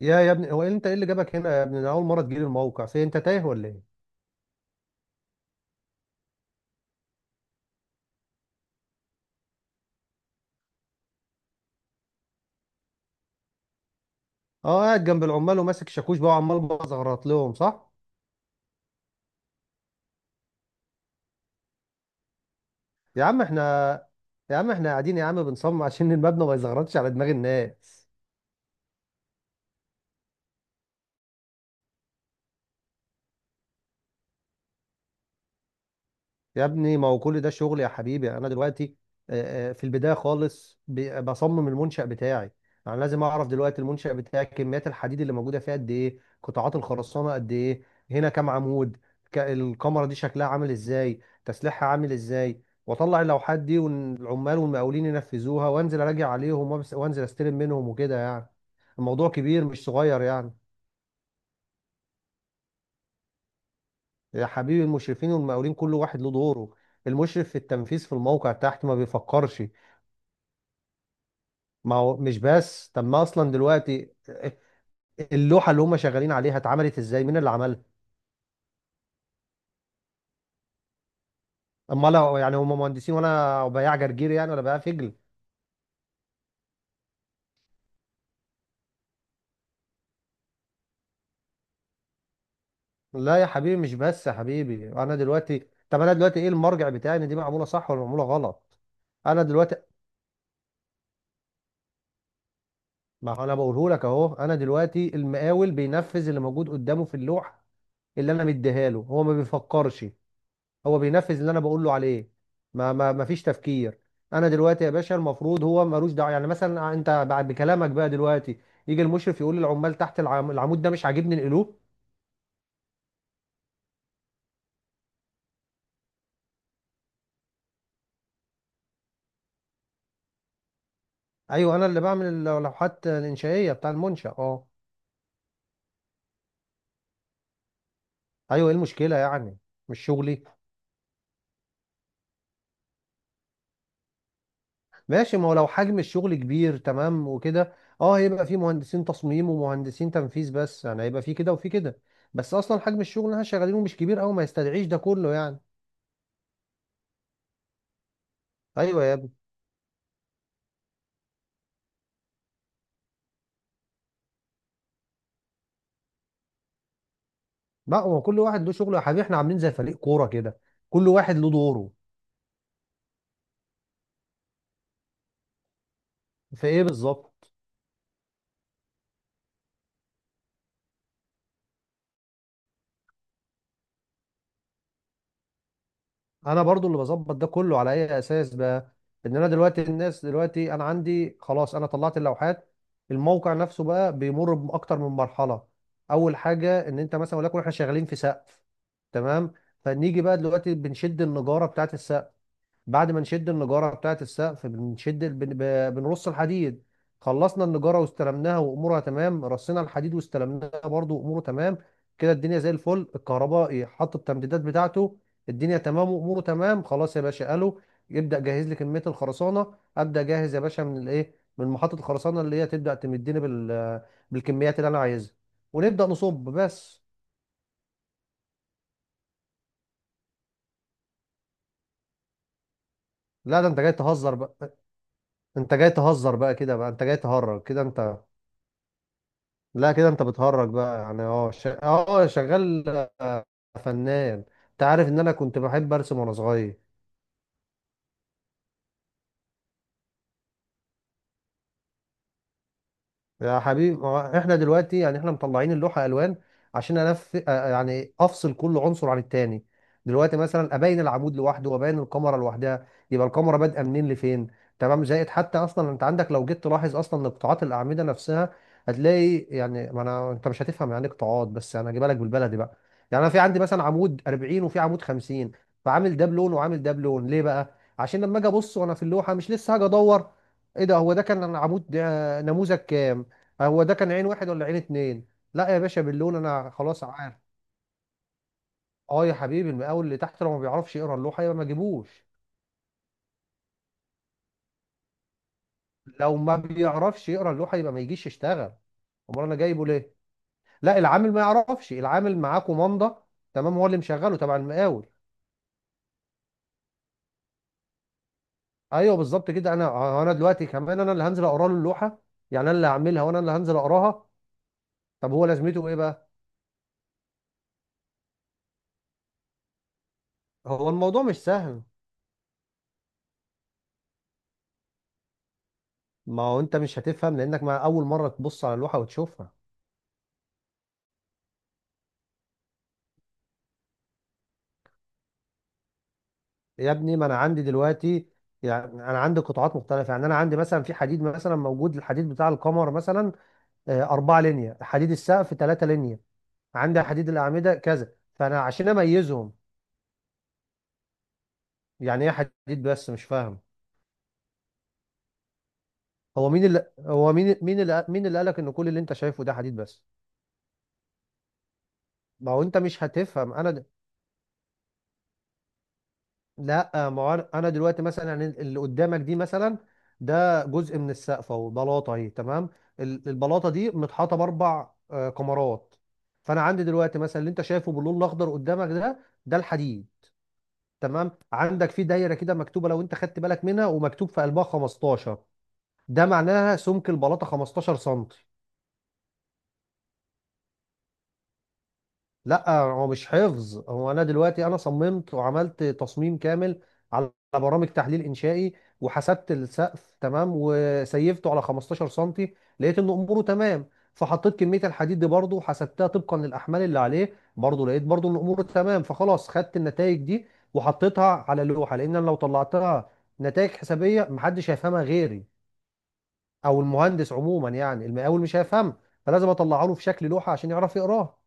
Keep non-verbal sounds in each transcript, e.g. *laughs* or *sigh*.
يا ابني هو إيه انت ايه اللي جابك هنا يا ابني؟ انا اول مره تجيلي الموقع، في انت تايه ولا ايه؟ اه قاعد جنب العمال وماسك شاكوش بقى وعمال بزغرط لهم صح. يا عم احنا يا عم احنا قاعدين يا عم بنصمم عشان *laughs* المبنى ما يزغرطش على دماغ الناس. يا ابني ما هو كل ده شغل يا حبيبي. انا دلوقتي في البدايه خالص بصمم المنشأ بتاعي. انا لازم اعرف دلوقتي المنشأ بتاعي كميات الحديد اللي موجوده فيها قد ايه، قطاعات الخرسانه قد ايه، هنا كام عمود، الكمره دي شكلها عامل ازاي، تسليحها عامل ازاي، واطلع اللوحات دي والعمال والمقاولين ينفذوها، وانزل اراجع عليهم وانزل استلم منهم وكده يعني. الموضوع كبير مش صغير يعني. يا حبيبي المشرفين والمقاولين كل واحد له دوره. المشرف في التنفيذ في الموقع تحت ما بيفكرش. ما هو مش بس، طب ما اصلا دلوقتي اللوحه اللي هم شغالين عليها اتعملت ازاي، مين اللي عملها؟ اما لا، يعني هم مهندسين وانا بياع جرجير يعني ولا بياع فجل؟ لا يا حبيبي مش بس يا حبيبي. انا دلوقتي، طب انا دلوقتي ايه المرجع بتاعي ان دي معموله صح ولا معموله غلط؟ انا دلوقتي، ما هو انا بقوله لك اهو، انا دلوقتي المقاول بينفذ اللي موجود قدامه في اللوحه اللي انا مديها له. هو ما بيفكرش، هو بينفذ اللي انا بقول له عليه. ما فيش تفكير. انا دلوقتي يا باشا المفروض هو ملوش دعوه. يعني مثلا انت بعد بكلامك بقى دلوقتي يجي المشرف يقول للعمال تحت العمود ده مش عاجبني نقلوه. ايوه انا اللي بعمل اللوحات الانشائيه بتاع المنشا اه. ايوه، ايه المشكله يعني؟ مش شغلي؟ ماشي، ما هو لو حجم الشغل كبير تمام وكده اه هيبقى في مهندسين تصميم ومهندسين تنفيذ، بس يعني هيبقى في كده وفي كده. بس اصلا حجم الشغل اللي احنا شغالينه مش كبير قوي ما يستدعيش ده كله يعني. ايوه يا. لا هو كل واحد له شغله يا حبيبي، احنا عاملين زي فريق كوره كده، كل واحد له دوره. في ايه بالظبط؟ انا برضو اللي بظبط ده كله. على اي اساس بقى؟ ان انا دلوقتي الناس دلوقتي انا عندي خلاص انا طلعت اللوحات. الموقع نفسه بقى بيمر باكتر من مرحله. اول حاجه ان انت مثلا، ولكن احنا شغالين في سقف تمام، فنيجي بقى دلوقتي بنشد النجاره بتاعت السقف. بعد ما نشد النجارة بتاعة السقف بنشد بنرص الحديد. خلصنا النجارة واستلمناها وأمورها تمام، رصينا الحديد واستلمناها برضو وأموره تمام. كده الدنيا زي الفل. الكهربائي حط التمديدات بتاعته، الدنيا تمام وأموره تمام، خلاص يا باشا قالوا يبدأ جهز لي كمية الخرسانة. أبدأ جاهز يا باشا من الإيه، من محطة الخرسانة اللي هي تبدأ تمدني بالكميات اللي أنا عايزها، ونبدأ نصب بس. لا ده أنت جاي تهزر بقى، أنت جاي تهزر بقى كده بقى أنت جاي تهرج كده. أنت، لا كده انت بتهرج بقى يعني. اه شغال آه، فنان. انت عارف ان انا كنت بحب ارسم وانا صغير. يا حبيبي ما هو احنا دلوقتي يعني احنا مطلعين اللوحه الوان عشان انف آه، يعني افصل كل عنصر عن التاني. دلوقتي مثلا ابين العمود لوحده وابين الكاميرا لوحدها، يبقى الكاميرا بادئه منين لفين. تمام، زائد حتى اصلا انت عندك لو جيت تلاحظ اصلا قطاعات الاعمده نفسها هتلاقي يعني، ما انا انت مش هتفهم يعني إيه قطاعات بس انا هجيبها لك بالبلدي بقى. يعني انا في عندي مثلا عمود 40 وفي عمود 50، فعامل ده بلون وعامل ده بلون. ليه بقى؟ عشان لما اجي ابص وانا في اللوحه مش لسه هاجي ادور ايه ده، هو ده كان عمود نموذج كام، هو ده كان عين واحد ولا عين اتنين. لا يا باشا باللون انا خلاص عارف. اه يا حبيبي المقاول اللي تحت لو ما بيعرفش يقرا اللوحه يبقى ما جيبوش. لو ما بيعرفش يقرا اللوحه يبقى ما يجيش يشتغل. امال انا جايبه ليه؟ لا العامل ما يعرفش، العامل معاه كومانده تمام، هو اللي مشغله تبع المقاول. ايوه بالظبط كده. انا انا دلوقتي كمان انا اللي هنزل اقرا له اللوحه، يعني انا اللي هعملها وانا اللي هنزل اقراها. طب هو لازمته ايه بقى؟ هو الموضوع مش سهل. ما هو انت مش هتفهم لانك مع اول مره تبص على اللوحه وتشوفها. يا ابني ما انا عندي دلوقتي، يعني انا عندي قطاعات مختلفه. يعني انا عندي مثلا في حديد، مثلا موجود الحديد بتاع القمر مثلا اربعه لينيا، حديد السقف ثلاثه لينيا، عندي حديد الاعمده كذا، فانا عشان اميزهم. يعني ايه حديد بس مش فاهم؟ هو مين اللي هو مين مين اللي مين اللي قالك ان كل اللي انت شايفه ده حديد بس؟ ما هو انت مش هتفهم. انا لا ما هو انا، أنا دلوقتي مثلا يعني اللي قدامك دي مثلا ده جزء من السقف اهو، بلاطه اهي تمام. البلاطه دي متحاطه باربع كمرات. فانا عندي دلوقتي مثلا اللي انت شايفه باللون الاخضر قدامك ده، ده الحديد. تمام، عندك في دايره كده مكتوبه لو انت خدت بالك منها، ومكتوب في قلبها 15، ده معناها سمك البلاطه 15 سم. لا هو مش حفظ، هو انا دلوقتي انا صممت وعملت تصميم كامل على برامج تحليل انشائي، وحسبت السقف تمام وسيفته على 15 سنتي لقيت ان اموره تمام، فحطيت كميه الحديد دي برضه وحسبتها طبقا للاحمال اللي عليه برضه لقيت برضه ان اموره تمام، فخلاص خدت النتائج دي وحطيتها على لوحه، لان أنا لو طلعتها نتائج حسابيه محدش هيفهمها غيري، او المهندس عموما، يعني المقاول مش هيفهمها، فلازم اطلعها له في شكل لوحه عشان يعرف يقراها.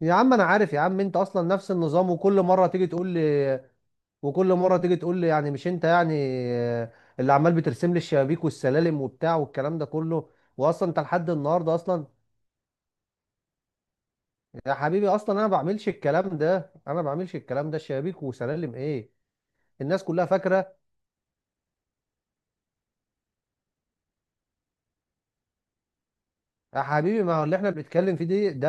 يا عم انا عارف يا عم، انت اصلا نفس النظام. وكل مره تيجي تقول لي يعني مش انت يعني آه، اللي عمال بترسم لي الشبابيك والسلالم وبتاع والكلام ده كله. واصلا انت لحد النهارده اصلا، يا حبيبي اصلا انا ما بعملش الكلام ده، انا ما بعملش الكلام ده شبابيك وسلالم ايه. الناس كلها فاكره. يا حبيبي ما هو اللي احنا بنتكلم فيه دي ده،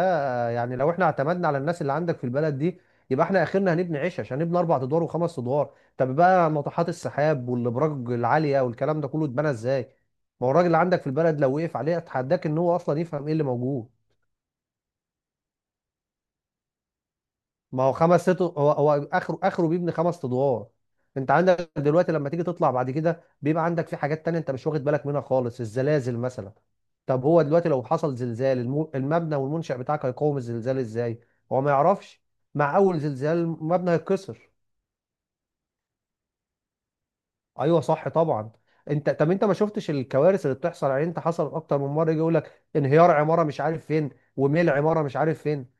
يعني لو احنا اعتمدنا على الناس اللي عندك في البلد دي يبقى احنا اخرنا هنبني عيش. عشان نبني اربع ادوار وخمس ادوار، طب بقى ناطحات السحاب والابراج العاليه والكلام ده كله اتبنى ازاي؟ ما هو الراجل اللي عندك في البلد لو وقف عليه اتحداك ان هو اصلا يفهم ايه اللي موجود. ما هو خمس ست، هو هو اخره اخره بيبني خمس ادوار. انت عندك دلوقتي لما تيجي تطلع بعد كده بيبقى عندك في حاجات تانية انت مش واخد بالك منها خالص، الزلازل مثلا. طب هو دلوقتي لو حصل زلزال المبنى والمنشأ بتاعك هيقاوم الزلزال ازاي؟ هو ما يعرفش، مع اول زلزال المبنى هيتكسر. ايوه صح طبعا. انت، طب انت ما شفتش الكوارث اللي بتحصل يعني؟ انت حصل اكتر من مره يجي يقول لك انهيار عماره مش عارف فين، وميل عماره مش عارف فين.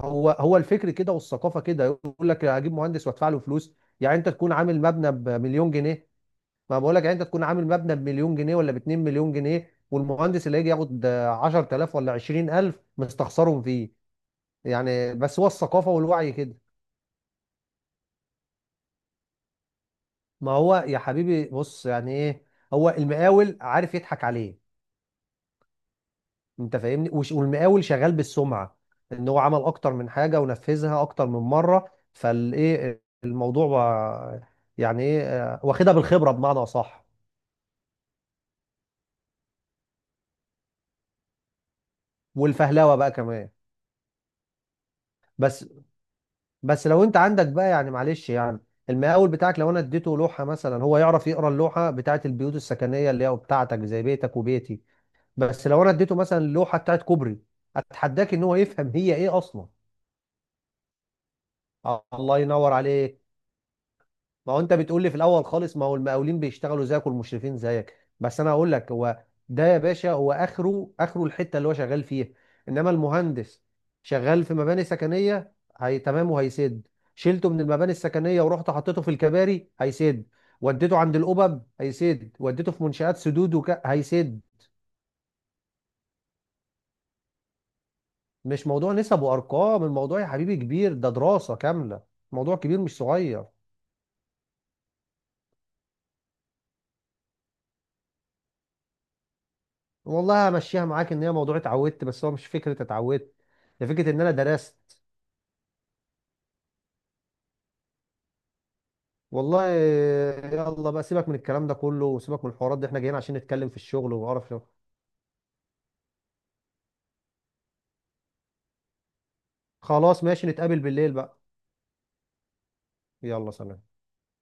هو الفكر كده والثقافه كده، يقول لك هجيب مهندس وادفع له فلوس. يعني انت تكون عامل مبنى بمليون جنيه، ما بقول لك يعني انت تكون عامل مبنى بمليون جنيه ولا ب 2 مليون جنيه، والمهندس اللي هيجي ياخد 10,000 ولا 20,000 مستخسرهم فيه يعني. بس هو الثقافه والوعي كده. ما هو يا حبيبي بص يعني ايه، هو المقاول عارف يضحك عليه. انت فاهمني والمقاول شغال بالسمعه، ان هو عمل اكتر من حاجه ونفذها اكتر من مره، فالايه الموضوع بقى. يعني ايه واخدها بالخبره بمعنى اصح. والفهلوه بقى كمان. بس بس لو انت عندك بقى يعني معلش يعني، المقاول بتاعك لو انا اديته لوحه مثلا هو يعرف يقرا اللوحه بتاعت البيوت السكنيه اللي هي بتاعتك، زي بيتك وبيتي. بس لو انا اديته مثلا اللوحه بتاعت كوبري اتحداك ان هو يفهم هي ايه اصلا. الله ينور عليك. ما هو انت بتقول لي في الاول خالص ما هو المقاولين بيشتغلوا زيك والمشرفين زيك، بس انا هقول لك هو ده يا باشا هو اخره اخره الحته اللي هو شغال فيها. انما المهندس شغال في مباني سكنيه، هي تمام وهيسد، شلته من المباني السكنيه ورحت حطيته في الكباري هيسد، وديته عند الأبب هيسد، وديته في منشآت سدود هيسد. مش موضوع نسب وارقام، الموضوع يا حبيبي كبير، ده دراسه كامله. موضوع كبير مش صغير. والله همشيها معاك ان هي موضوع اتعودت، بس هو مش فكره اتعودت، ده فكره ان انا درست والله. يلا بقى سيبك من الكلام ده كله وسيبك من الحوارات دي، احنا جايين عشان نتكلم في الشغل وقرف. خلاص ماشي، نتقابل بالليل بقى. يلا سلام.